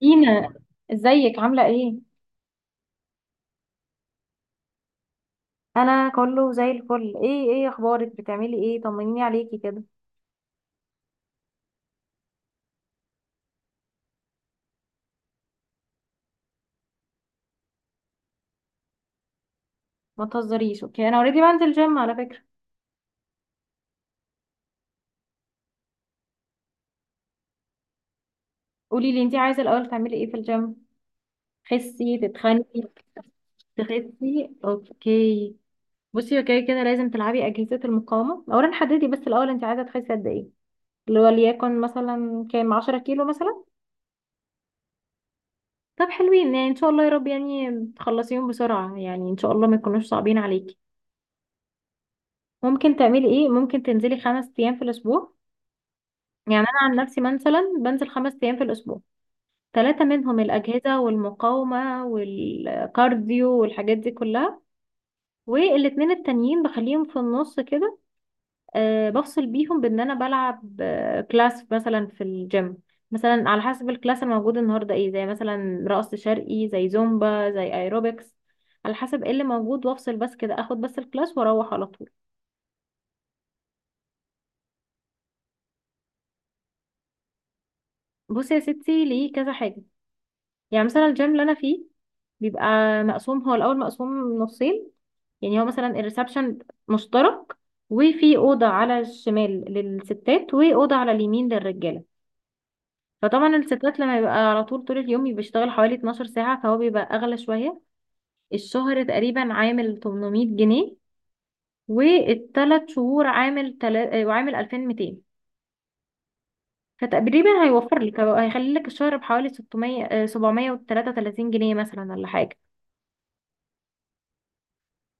دينا، ازيك؟ عاملة ايه؟ انا كله زي الفل. ايه اخبارك؟ بتعملي ايه؟ طمنيني عليكي كده. ما تهزريش، اوكي؟ انا اوريدي بنزل جيم على فكرة. قولي لي انت عايزة الاول تعملي ايه في الجيم؟ تخسي؟ تتخني؟ تخسي، اوكي. بصي، اوكي كده لازم تلعبي اجهزة المقاومة اولا. حددي بس الاول انت عايزة تخسي قد ايه، اللي هو ليكن مثلا كام؟ 10 كيلو مثلا؟ طب حلوين، يعني ان شاء الله يا رب يعني تخلصيهم بسرعة، يعني ان شاء الله ما يكونوش صعبين عليكي. ممكن تعملي ايه؟ ممكن تنزلي 5 ايام في الاسبوع. يعني انا عن نفسي مثلا بنزل 5 ايام في الاسبوع، ثلاثة منهم الاجهزة والمقاومة والكارديو والحاجات دي كلها، والاتنين التانيين بخليهم في النص كده. أه، بفصل بيهم، بان انا بلعب كلاس مثلا في الجيم. مثلا على حسب الكلاس الموجود النهارده ايه، زي مثلا رقص شرقي، زي زومبا، زي ايروبكس، على حسب ايه اللي موجود. وافصل بس كده، اخد بس الكلاس واروح على طول. بصي يا ستي، ليه كذا حاجة. يعني مثلا الجيم اللي انا فيه بيبقى مقسوم. هو الاول مقسوم نصين، يعني هو مثلا الريسبشن مشترك، وفي اوضه على الشمال للستات، واوضه على اليمين للرجاله. فطبعا الستات لما بيبقى على طول، طول اليوم بيشتغل حوالي 12 ساعه، فهو بيبقى اغلى شويه. الشهر تقريبا عامل 800 جنيه، والثلاث شهور عامل تلا... آه، وعامل 2200. فتقريبا هيوفر لك، هيخلي لك الشهر بحوالي 600، 733 جنيه مثلا، ولا حاجه.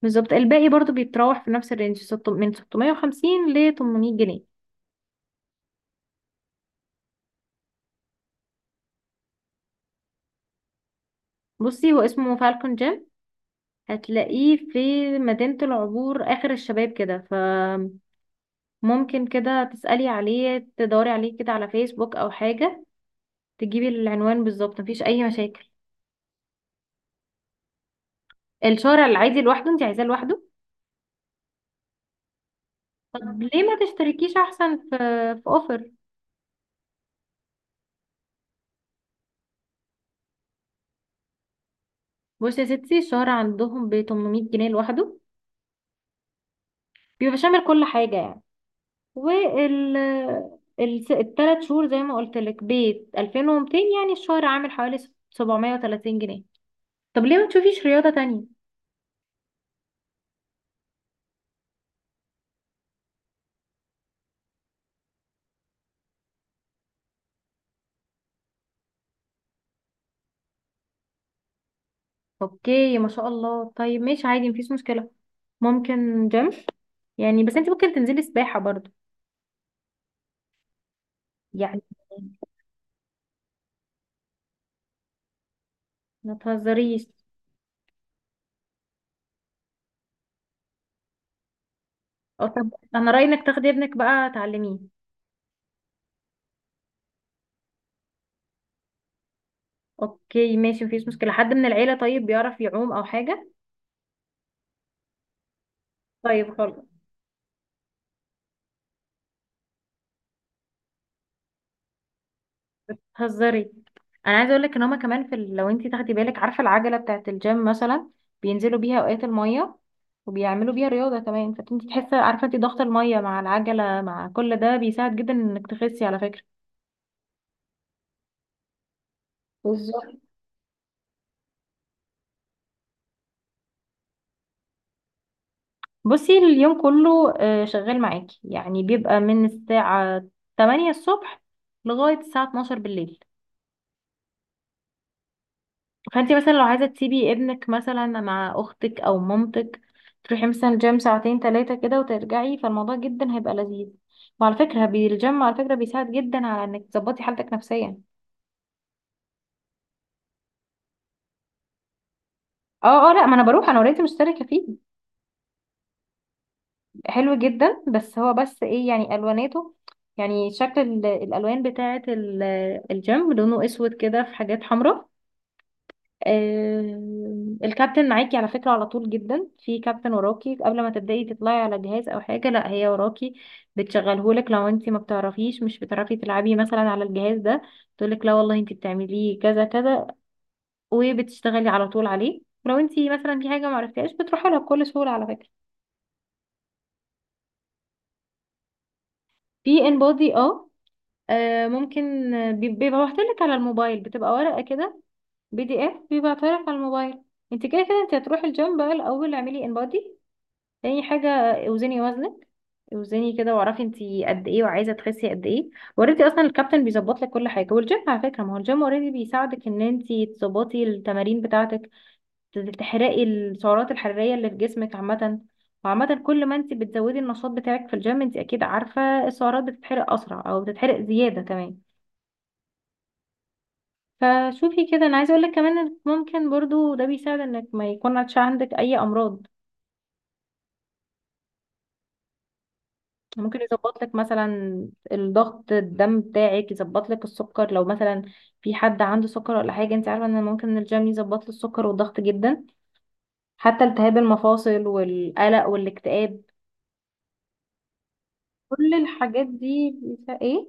بالظبط، الباقي برضو بيتراوح في نفس الرينج، من 650 ل 800 جنيه. بصي، هو اسمه فالكون جيم. هتلاقيه في مدينة العبور آخر الشباب كده، فممكن كده تسألي عليه، تدوري عليه كده على فيسبوك أو حاجة، تجيبي العنوان بالظبط، مفيش أي مشاكل. الشارع العادي لوحده، انت عايزاه لوحده؟ طب ليه ما تشتركيش أحسن في أوفر؟ بصي يا ستي، الشارع عندهم ب 800 جنيه لوحده، بيبقى شامل كل حاجة يعني. وال الثلاث شهور زي ما قلت لك بيت 2200، يعني الشهر عامل حوالي 730 جنيه. طب ليه ما تشوفيش رياضة تانية؟ اوكي، ما شاء الله. طيب ماشي، عادي مفيش مشكلة. ممكن جيم، يعني بس انت ممكن تنزلي سباحة برضو يعني. ما تهزريش. اه، طب انا رأيي انك تاخدي ابنك بقى تعلميه. اوكي ماشي، مفيش مشكلة. حد من العيلة طيب بيعرف يعوم او حاجة؟ طيب خلاص. هزري، انا عايزه اقول لك ان هما كمان في لو انت تاخدي بالك، عارفه العجله بتاعه الجيم مثلا، بينزلوا بيها اوقات الميه وبيعملوا بيها رياضه كمان. فانت تحسي، عارفه انت، ضغط الميه مع العجله مع كل ده بيساعد جدا انك تخسي على فكره. بالظبط. بصي، اليوم كله شغال معاكي يعني. بيبقى من الساعه 8 الصبح لغايه الساعه 12 بالليل. فانت مثلا لو عايزه تسيبي ابنك مثلا مع اختك او مامتك، تروحي مثلا الجيم ساعتين ثلاثه كده وترجعي، فالموضوع جدا هيبقى لذيذ. وعلى فكره، الجيم على فكره بيساعد جدا على انك تظبطي حالتك نفسيا. اه، اه، لا ما انا بروح، انا اوريدي مشتركه فيه. حلو جدا، بس هو بس ايه يعني الواناته، يعني شكل الالوان بتاعه الجيم. لونه اسود كده، في حاجات حمراء. الكابتن معاكي على فكرة على طول. جدا في كابتن وراكي قبل ما تبدأي تطلعي على جهاز او حاجة، لا هي وراكي بتشغلهولك. لو انت ما بتعرفيش، مش بتعرفي تلعبي مثلا على الجهاز ده، تقولك لا والله انت بتعمليه كذا كذا، وبتشتغلي على طول عليه. لو انت مثلا في حاجة ما عرفتيهاش بتروحي لها بكل سهولة على فكرة. في ان بودي، اه. ممكن، بيبقى لك على الموبايل، بتبقى ورقة كده، بي دي اف، بيبعتها لك على الموبايل. انت كده كده انت هتروحي الجيم، بقى الاول اعملي ان بودي. تاني حاجة، اوزني وزنك. اوزني كده واعرفي انتي قد ايه وعايزة تخسي قد ايه. اوريدي اصلا الكابتن بيظبط لك كل حاجة، والجيم على فكرة، ما هو الجيم اوريدي بيساعدك ان انتي تظبطي التمارين بتاعتك، تحرقي السعرات الحرارية اللي في جسمك عامة. وعامة كل ما انتي بتزودي النشاط بتاعك في الجيم، انتي اكيد عارفة السعرات بتتحرق اسرع او بتتحرق زيادة كمان. فشوفي كده، انا عايزة اقولك كمان إنك ممكن برضو ده بيساعد انك ما يكونش عندك اي امراض. ممكن يظبط لك مثلا الضغط، الدم بتاعك، يظبط لك السكر لو مثلا في حد عنده سكر ولا حاجه. انت عارفه ان ممكن الجيم يظبط له السكر والضغط جدا، حتى التهاب المفاصل والقلق والاكتئاب. كل الحاجات دي ايه،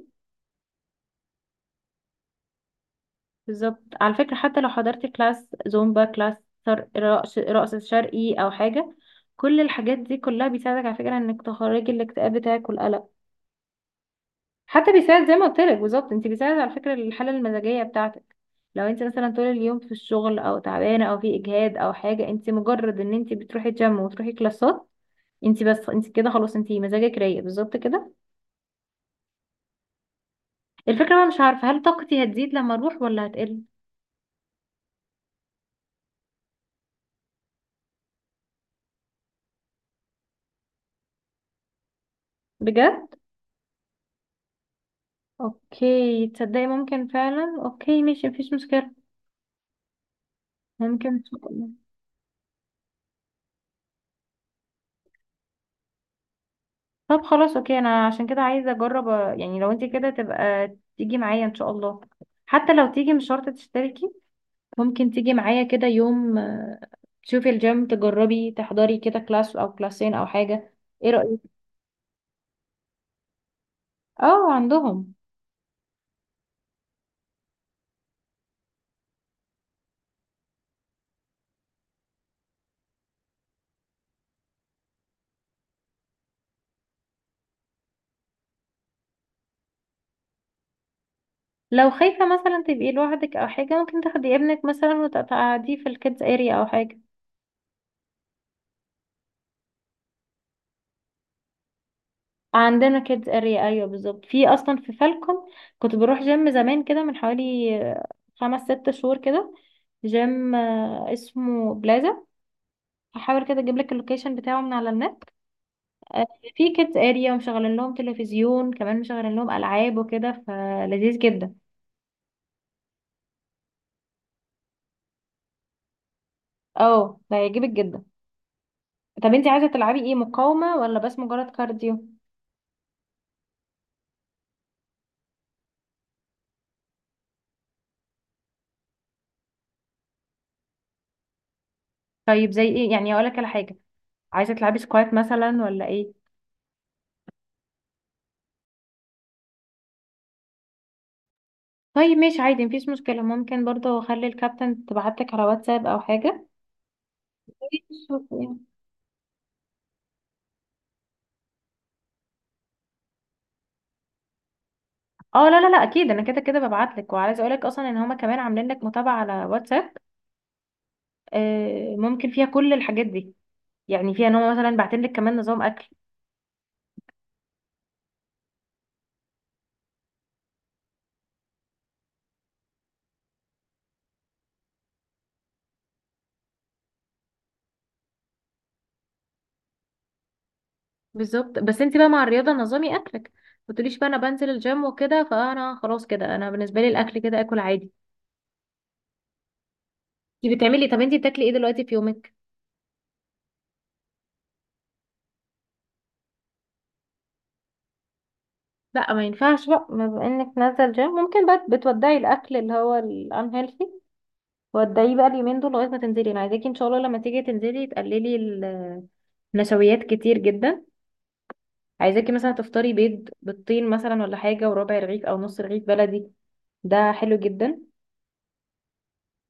بالظبط. على فكره حتى لو حضرت كلاس زومبا، كلاس رقص، رقص شرقي او حاجه، كل الحاجات دي كلها بيساعدك على فكره انك تخرجي الاكتئاب بتاعك والقلق. حتى بيساعد، زي ما قلت لك بالظبط، انت بيساعد على فكره الحاله المزاجيه بتاعتك. لو انت مثلا طول اليوم في الشغل او تعبانه او في اجهاد او حاجه، انت مجرد ان انت بتروحي جيم وتروحي كلاسات، انت بس، انت كده خلاص، انت مزاجك رايق بالظبط كده. الفكره بقى مش عارفه، هل طاقتي هتزيد لما اروح ولا هتقل؟ بجد؟ اوكي، تصدقي ممكن فعلا. اوكي ماشي، مفيش مشكله، ممكن إن شاء الله. طب خلاص اوكي، انا عشان كده عايزه اجرب، يعني لو انت كده تبقى تيجي معايا ان شاء الله. حتى لو تيجي، مش شرط تشتركي، ممكن تيجي معايا كده يوم، تشوفي الجيم، تجربي، تحضري كده كلاس او كلاسين او حاجة. ايه رأيك؟ اه عندهم. لو خايفة مثلا تبقي لوحدك او حاجة، ممكن تاخدي ابنك مثلا وتقعديه في الكيدز اريا او حاجة. عندنا كيدز اريا، ايوه بالظبط، في اصلا في فالكون. كنت بروح جيم زمان كده من حوالي خمس ست شهور كده، جيم اسمه بلازا. هحاول كده اجيب لك اللوكيشن بتاعه من على النت. آه، في كيدز اريا ومشغلين لهم تلفزيون كمان، مشغلين لهم العاب وكده، فلذيذ جدا. اه، ده هيعجبك جدا. طب انت عايزه تلعبي ايه؟ مقاومه ولا بس مجرد كارديو؟ طيب زي ايه يعني، اقول لك على حاجه. عايزه تلعبي سكوات مثلا ولا ايه؟ طيب ماشي، عادي مفيش مشكله. ممكن برضه اخلي الكابتن تبعتلك على واتساب او حاجه. اه لا، لا، لا، اكيد انا كده كده ببعتلك. وعايزه اقول لك اصلا ان هما كمان عاملين لك متابعه على واتساب. ممكن فيها كل الحاجات دي، يعني فيها ان هو مثلا بعتين لك كمان نظام اكل. بالظبط، بس انت بقى مع الرياضه نظامي اكلك، ما تقوليش بقى انا بنزل الجيم وكده فانا خلاص كده، انا بالنسبه لي الاكل كده اكل عادي. انت بتعملي، طب انت بتاكلي ايه دلوقتي في يومك؟ لا، ما ينفعش بقى. ما بما انك نازله جيم، ممكن بقى بتودعي الاكل اللي هو الانهيلثي. ودعيه بقى اليومين دول لغايه ما تنزلي. انا عايزاكي ان شاء الله لما تيجي تنزلي تقللي النشويات كتير جدا. عايزاكي مثلا تفطري بيض بالطين مثلا ولا حاجه، وربع رغيف او نص رغيف بلدي. ده حلو جدا.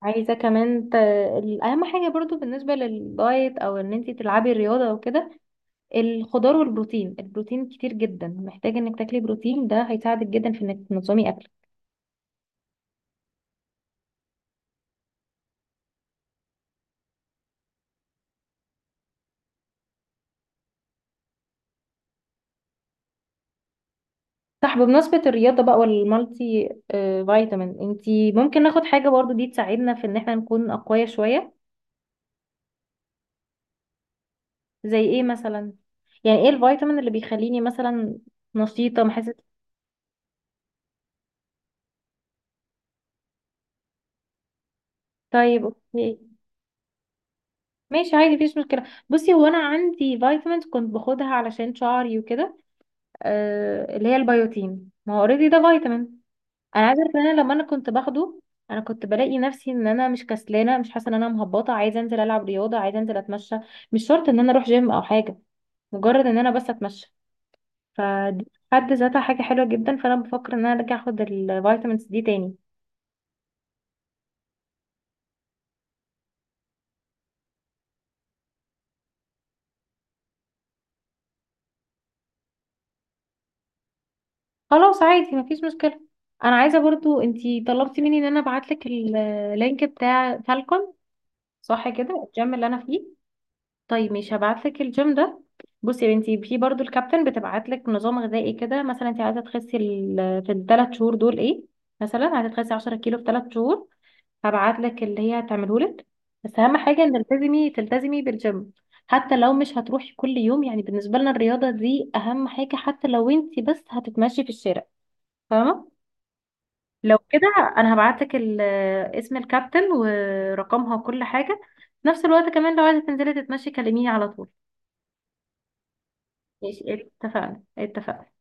عايزة كمان أهم حاجة برضو بالنسبة للدايت أو إن أنتي تلعبي الرياضة وكده، الخضار والبروتين. البروتين كتير جدا، محتاجة إنك تاكلي بروتين، ده هيساعدك جدا في إنك تنظمي أكلك. صح، بمناسبة الرياضة بقى والمالتي فيتامين، أنتي ممكن ناخد حاجة برضو دي تساعدنا في إن إحنا نكون أقوياء شوية. زي إيه مثلا؟ يعني إيه الفيتامين اللي بيخليني مثلا نشيطة محسة؟ طيب أوكي. ماشي، عادي مفيش مشكلة. بصي، هو أنا عندي فيتامينز كنت باخدها علشان شعري وكده، آه اللي هي البيوتين. ما هو اوريدي ده فيتامين. انا عايزه اعرف، ان انا لما انا كنت باخده، انا كنت بلاقي نفسي ان انا مش كسلانه، مش حاسه ان انا مهبطه، عايزه انزل العب رياضه، عايزه انزل اتمشى، مش شرط ان انا اروح جيم او حاجه، مجرد ان انا بس اتمشى. فدي في حد ذاتها حاجه حلوه جدا، فانا بفكر ان انا ارجع اخد الفيتامينز دي تاني. خلاص عادي، مفيش مشكله. انا عايزه برضو، انتي طلبتي مني ان انا ابعت لك اللينك بتاع فالكون، صح كده؟ الجيم اللي انا فيه. طيب مش هبعتلك الجيم ده. بصي يا بنتي، في برضو الكابتن بتبعتلك نظام غذائي كده، مثلا انت عايزه تخسي في ال 3 شهور دول ايه، مثلا عايزه تخسي 10 كيلو في 3 شهور، هبعتلك اللي هي هتعمله لك. بس اهم حاجه ان تلتزمي، تلتزمي بالجيم. حتى لو مش هتروحي كل يوم، يعني بالنسبه لنا الرياضه دي اهم حاجه، حتى لو انت بس هتتمشي في الشارع، فاهمه؟ لو كده، انا هبعتلك اسم الكابتن ورقمها وكل حاجه. في نفس الوقت كمان، لو عايزه تنزلي تتمشي، كلميني على طول. ماشي، اتفقنا، اتفقنا.